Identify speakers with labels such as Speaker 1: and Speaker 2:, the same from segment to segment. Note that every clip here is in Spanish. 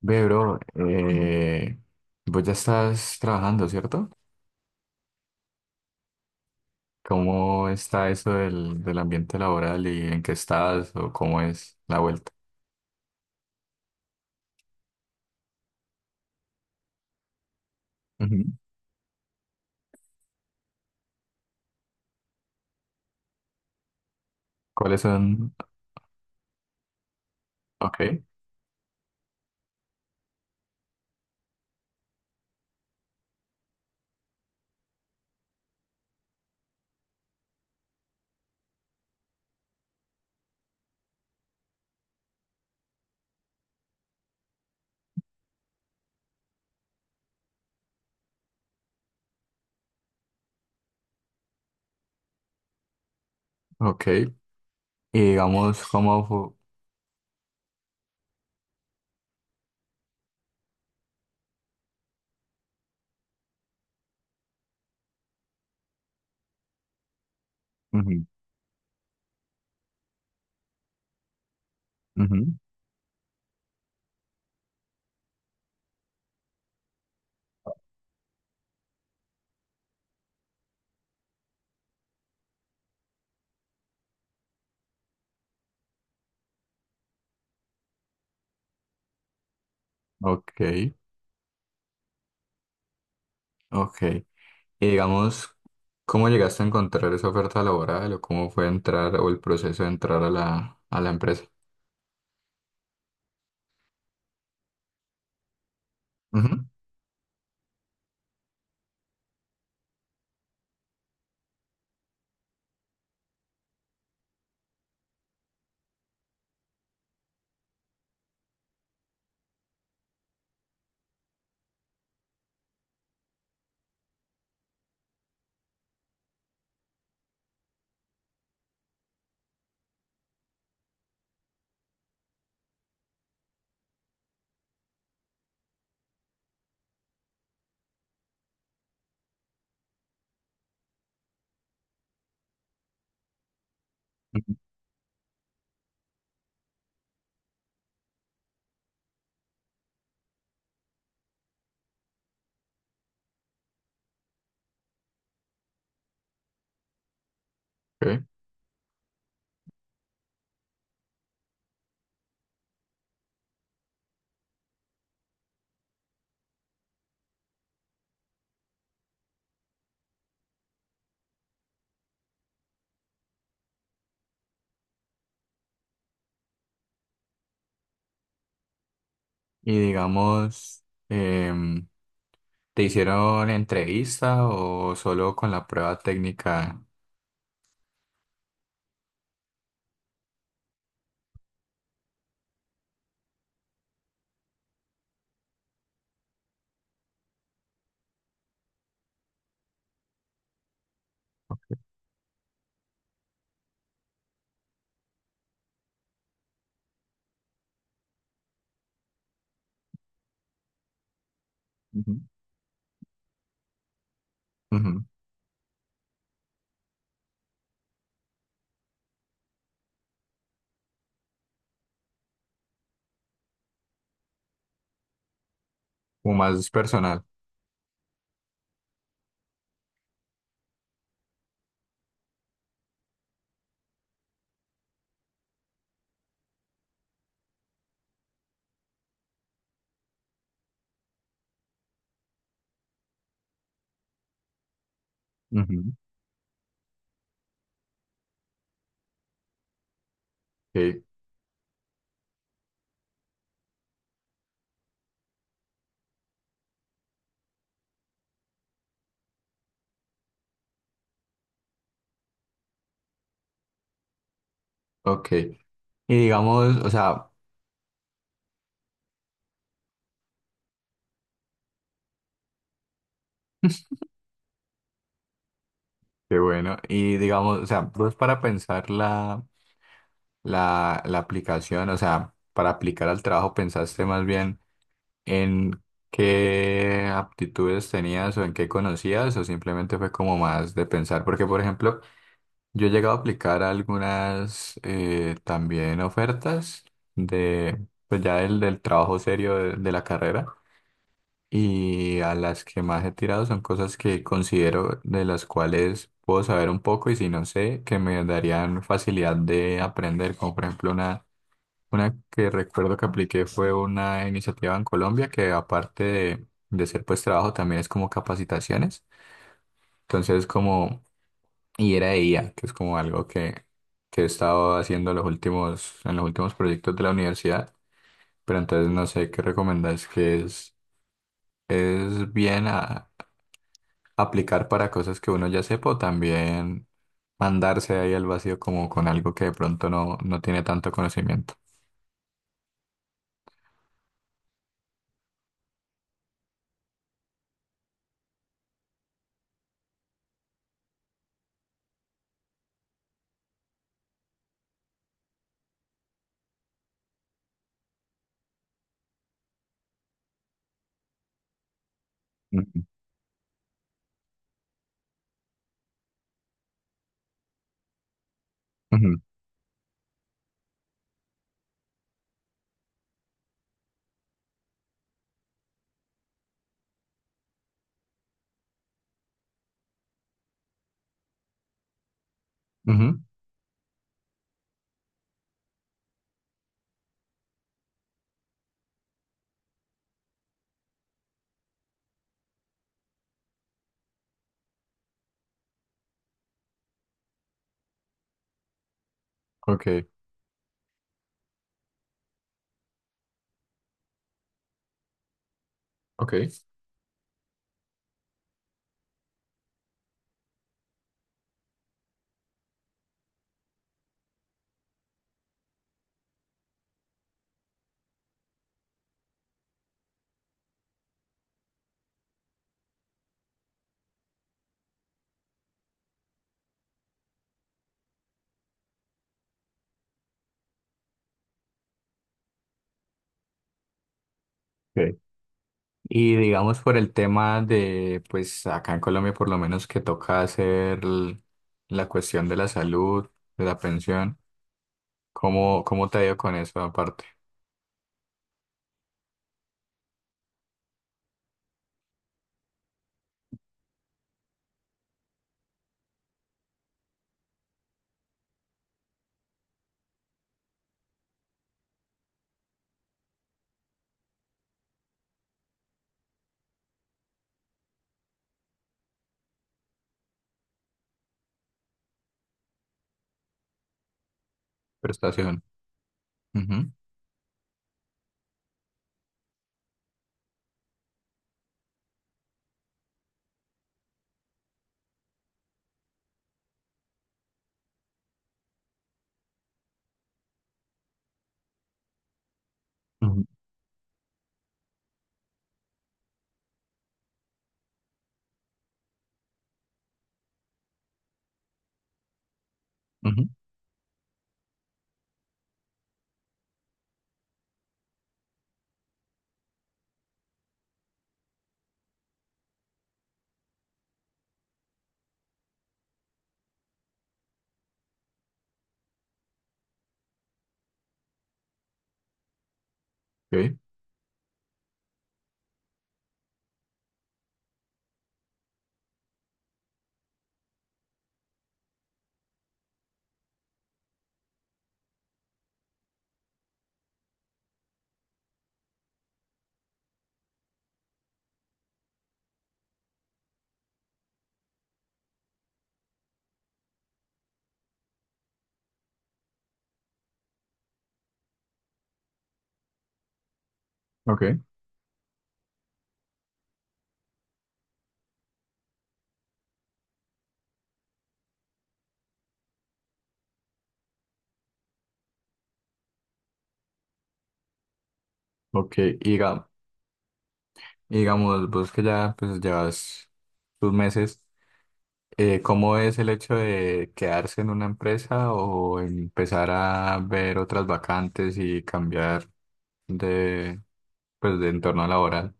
Speaker 1: Ve, bro, vos ya estás trabajando, ¿cierto? ¿Cómo está eso del ambiente laboral y en qué estás o cómo es la vuelta? Ujú. ¿Cuáles son? Ok, ok. Y digamos, ¿cómo fu- ujú, ujú, Ok, ok. Y digamos, ¿cómo llegaste a encontrar esa oferta laboral o cómo fue entrar o el proceso de entrar a a la empresa? Ujú, ujú, ok. Y digamos, ¿te hicieron entrevista o solo con la prueba técnica? Ujú. Ujú, o más personal. Ujú, sí, ok. Y digamos, o sea, qué bueno. Y digamos, o sea, vos para pensar la aplicación, o sea, para aplicar al trabajo, ¿pensaste más bien en qué aptitudes tenías o en qué conocías o simplemente fue como más de pensar? Porque, por ejemplo, yo he llegado a aplicar algunas también ofertas de, pues ya del trabajo serio de la carrera y a las que más he tirado son cosas que considero de las cuales puedo saber un poco y si no sé, que me darían facilidad de aprender, como por ejemplo una que recuerdo que apliqué fue una iniciativa en Colombia que aparte de ser pues trabajo también es como capacitaciones. Entonces, como y era IA, que es como algo que he estado haciendo los últimos, en los últimos proyectos de la universidad, pero entonces no sé qué recomendás que es bien a- aplicar para cosas que uno ya sepa o también mandarse ahí al vacío como con algo que de pronto no, no tiene tanto conocimiento. Ujú, ujú, ujú. Ok, ok. Ok. Y digamos por el tema de, pues acá en Colombia por lo menos que toca hacer l- la cuestión de la salud, de la pensión, ¿cómo, cómo te ha ido con eso aparte? Prestación. Ujú, ujú, ujú. Ok, ok, ok. Y diga- y digamos, vos que ya pues llevas tus meses, ¿cómo es el hecho de quedarse en una empresa o empezar a ver otras vacantes y cambiar de, pues, de entorno laboral?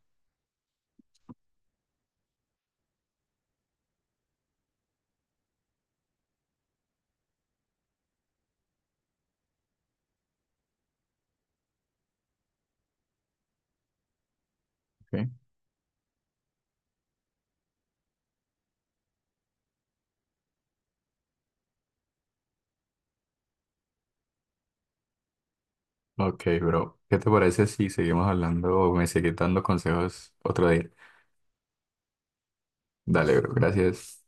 Speaker 1: Ok, bro. ¿Qué te parece si seguimos hablando o me seguís dando consejos otro día? Dale, bro. Gracias.